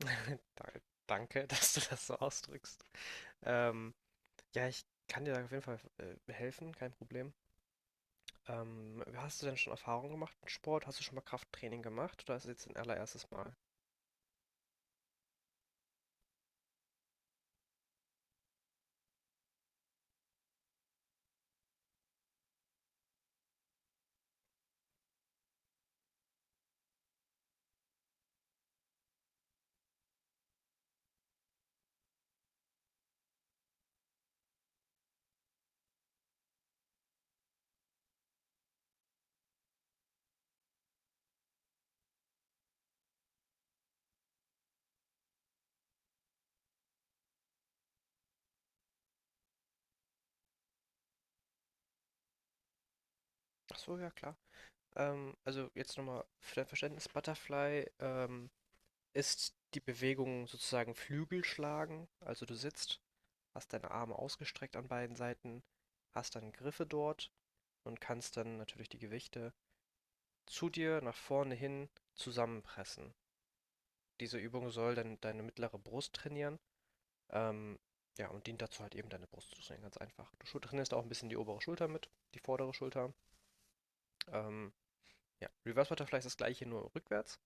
Da danke, dass du das so ausdrückst. Ähm, ja, ich kann dir da auf jeden Fall, helfen, kein Problem. Hast du denn schon Erfahrung gemacht mit Sport? Hast du schon mal Krafttraining gemacht oder ist es jetzt dein allererstes Mal? Ach so, ja klar. Also jetzt nochmal für dein Verständnis, Butterfly, ist die Bewegung sozusagen Flügelschlagen. Also du sitzt, hast deine Arme ausgestreckt an beiden Seiten, hast dann Griffe dort und kannst dann natürlich die Gewichte zu dir nach vorne hin zusammenpressen. Diese Übung soll dann deine mittlere Brust trainieren. Ähm, ja, und dient dazu halt eben deine Brust zu trainieren, ganz einfach. Du trainierst auch ein bisschen die obere Schulter mit, die vordere Schulter. Ähm, ja, Reverse Butterfly ist das gleiche, nur rückwärts.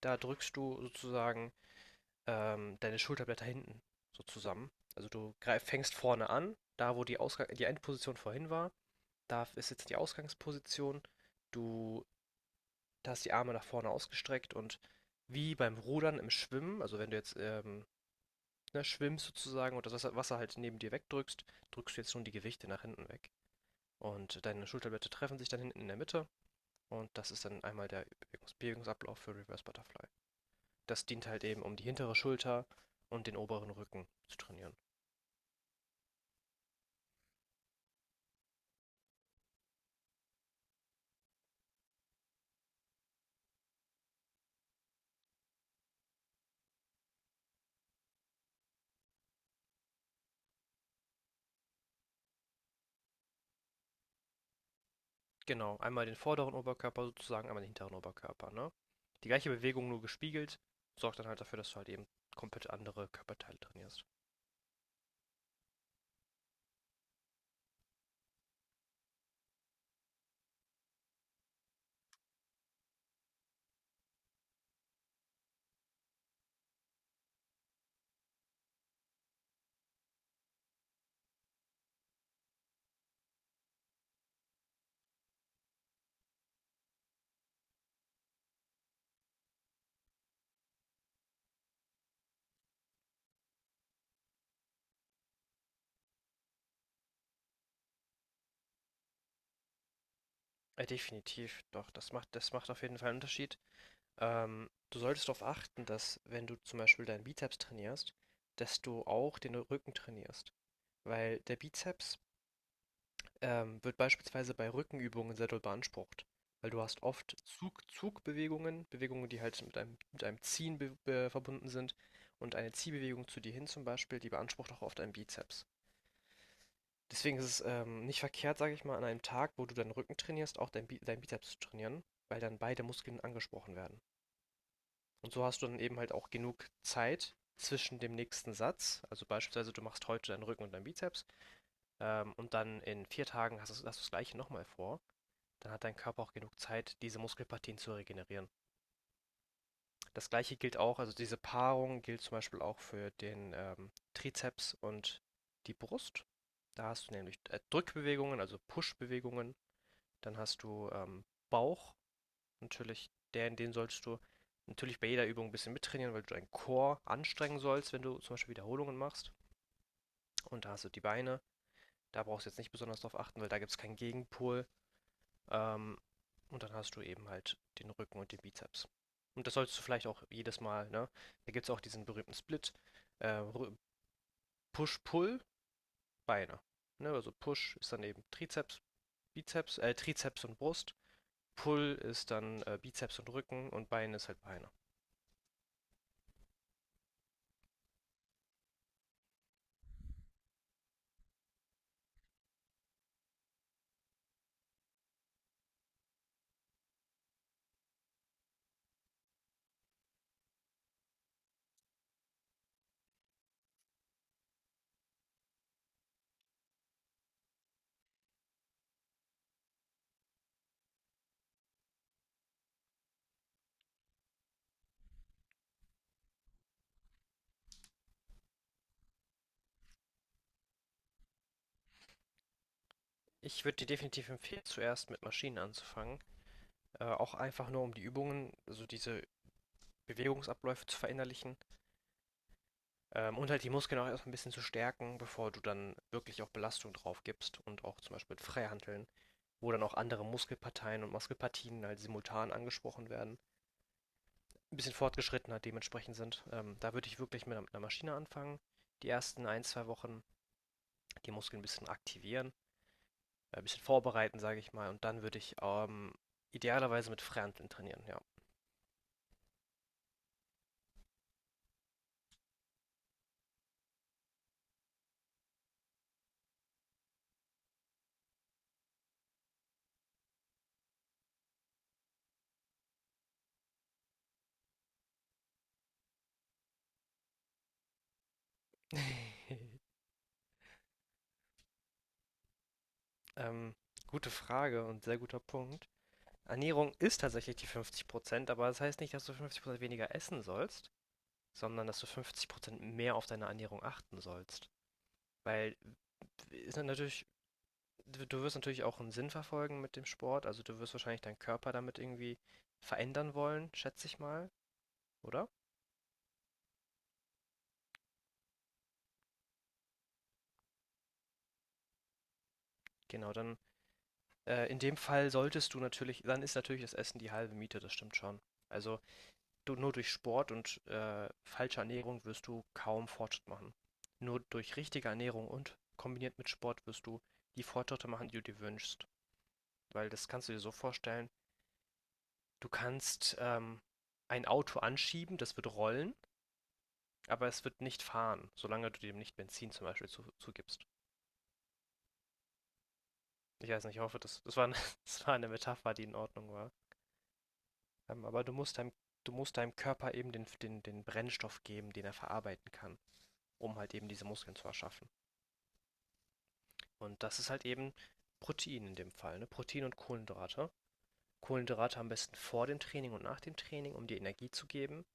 Da drückst du sozusagen deine Schulterblätter hinten so zusammen. Also du fängst vorne an, da wo die Endposition vorhin war, da ist jetzt die Ausgangsposition. Du Da hast du die Arme nach vorne ausgestreckt und wie beim Rudern im Schwimmen, also wenn du jetzt ne, schwimmst sozusagen und das Wasser halt neben dir wegdrückst, drückst du jetzt schon die Gewichte nach hinten weg. Und deine Schulterblätter treffen sich dann hinten in der Mitte und das ist dann einmal der Bewegungsablauf für Reverse Butterfly. Das dient halt eben, um die hintere Schulter und den oberen Rücken zu trainieren. Genau, einmal den vorderen Oberkörper sozusagen, einmal den hinteren Oberkörper, ne? Die gleiche Bewegung nur gespiegelt, sorgt dann halt dafür, dass du halt eben komplett andere Körperteile trainierst. Definitiv, doch, das macht auf jeden Fall einen Unterschied. Du solltest darauf achten, dass wenn du zum Beispiel deinen Bizeps trainierst, dass du auch den Rücken trainierst. Weil der Bizeps wird beispielsweise bei Rückenübungen sehr doll beansprucht. Weil du hast oft Zugbewegungen, Bewegungen, die halt mit mit einem Ziehen verbunden sind. Und eine Ziehbewegung zu dir hin zum Beispiel, die beansprucht auch oft einen Bizeps. Deswegen ist es, nicht verkehrt, sage ich mal, an einem Tag, wo du deinen Rücken trainierst, auch deinen Bizeps zu trainieren, weil dann beide Muskeln angesprochen werden. Und so hast du dann eben halt auch genug Zeit zwischen dem nächsten Satz. Also beispielsweise, du machst heute deinen Rücken und deinen Bizeps, und dann in vier Tagen hast du das Gleiche nochmal vor. Dann hat dein Körper auch genug Zeit, diese Muskelpartien zu regenerieren. Das Gleiche gilt auch, also diese Paarung gilt zum Beispiel auch für den, Trizeps und die Brust. Da hast du nämlich, Drückbewegungen, also Push-Bewegungen. Dann hast du Bauch, natürlich in den solltest du natürlich bei jeder Übung ein bisschen mittrainieren, weil du deinen Core anstrengen sollst, wenn du zum Beispiel Wiederholungen machst. Und da hast du die Beine, da brauchst du jetzt nicht besonders drauf achten, weil da gibt es keinen Gegenpol. Ähm, und dann hast du eben halt den Rücken und den Bizeps. Und das solltest du vielleicht auch jedes Mal, ne? Da gibt es auch diesen berühmten Split. Äh, Push-Pull, Beine. Ne? Also Push ist dann eben Trizeps und Brust. Pull ist dann Bizeps und Rücken und Bein ist halt Beine. Ich würde dir definitiv empfehlen, zuerst mit Maschinen anzufangen. Auch einfach nur, um die Übungen, also diese Bewegungsabläufe zu verinnerlichen, und halt die Muskeln auch erstmal ein bisschen zu stärken, bevor du dann wirklich auch Belastung drauf gibst und auch zum Beispiel mit Freihandeln, wo dann auch andere Muskelparteien und Muskelpartien halt simultan angesprochen werden, ein bisschen fortgeschrittener dementsprechend sind. Da würde ich wirklich mit einer Maschine anfangen, die ersten ein, zwei Wochen die Muskeln ein bisschen aktivieren, ein bisschen vorbereiten, sage ich mal. Und dann würde ich idealerweise mit Freihandeln trainieren, ja. Ähm, gute Frage und sehr guter Punkt. Ernährung ist tatsächlich die 50%, aber das heißt nicht, dass du 50% weniger essen sollst, sondern dass du 50% mehr auf deine Ernährung achten sollst. Weil ist dann natürlich, du wirst natürlich auch einen Sinn verfolgen mit dem Sport, also du wirst wahrscheinlich deinen Körper damit irgendwie verändern wollen, schätze ich mal, oder? Genau, dann in dem Fall solltest du natürlich, dann ist natürlich das Essen die halbe Miete, das stimmt schon. Also du, nur durch Sport und falsche Ernährung wirst du kaum Fortschritt machen. Nur durch richtige Ernährung und kombiniert mit Sport wirst du die Fortschritte machen, die du dir wünschst. Weil das kannst du dir so vorstellen, du kannst ein Auto anschieben, das wird rollen, aber es wird nicht fahren, solange du dem nicht Benzin zum Beispiel zugibst. Ich weiß nicht, ich hoffe, das war eine Metapher, die in Ordnung war. Aber du musst du musst deinem Körper eben den Brennstoff geben, den er verarbeiten kann, um halt eben diese Muskeln zu erschaffen. Und das ist halt eben Protein in dem Fall, ne? Protein und Kohlenhydrate. Kohlenhydrate am besten vor dem Training und nach dem Training, um dir Energie zu geben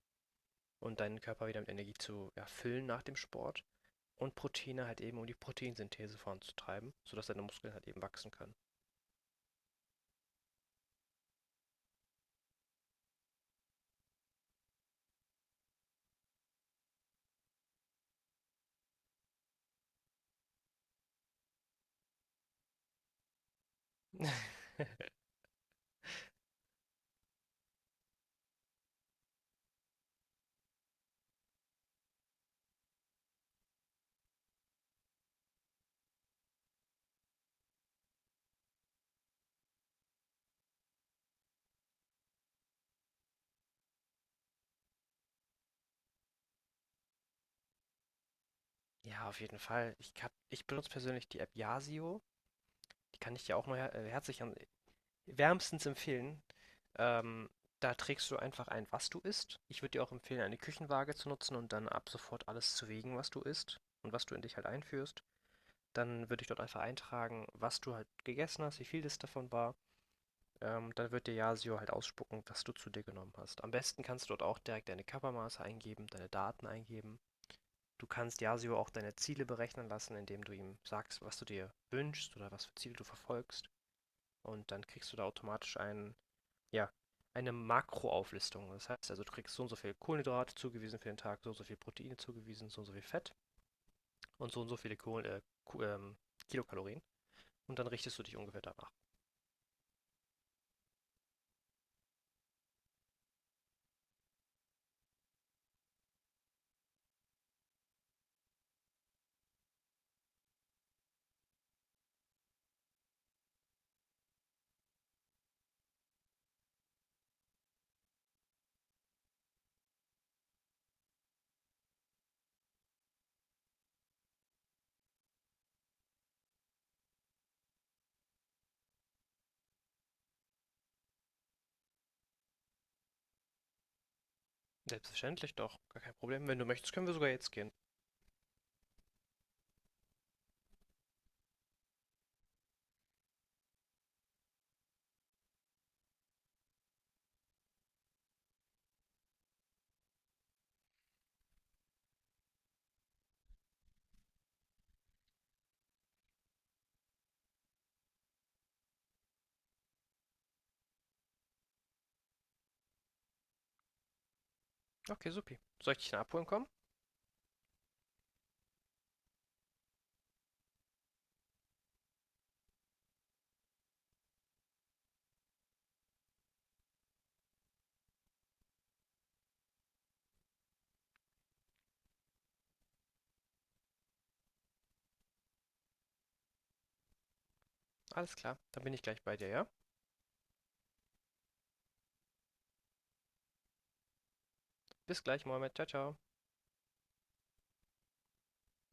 und deinen Körper wieder mit Energie zu erfüllen nach dem Sport. Und Proteine halt eben, um die Proteinsynthese voranzutreiben, sodass deine Muskeln halt eben wachsen können. Ja, auf jeden Fall. Ich, hab, ich benutze persönlich die App Yasio. Die kann ich dir auch mal herzlich wärmstens empfehlen. Ähm, da trägst du einfach ein, was du isst. Ich würde dir auch empfehlen, eine Küchenwaage zu nutzen und dann ab sofort alles zu wiegen, was du isst und was du in dich halt einführst. Dann würde ich dort einfach eintragen, was du halt gegessen hast, wie viel das davon war. Dann wird dir Yasio halt ausspucken, was du zu dir genommen hast. Am besten kannst du dort auch direkt deine Körpermaße eingeben, deine Daten eingeben. Du kannst Yasio auch deine Ziele berechnen lassen, indem du ihm sagst, was du dir wünschst oder was für Ziele du verfolgst. Und dann kriegst du da automatisch einen, ja, eine Makroauflistung. Das heißt also, du kriegst so und so viel Kohlenhydrate zugewiesen für den Tag, so und so viel Proteine zugewiesen, so und so viel Fett und so viele ähm, Kilokalorien. Und dann richtest du dich ungefähr danach. Selbstverständlich doch, gar kein Problem. Wenn du möchtest, können wir sogar jetzt gehen. Okay, supi. Soll ich dich dann abholen kommen? Alles klar, dann bin ich gleich bei dir, ja? Bis gleich, Mohammed. Ciao, ciao.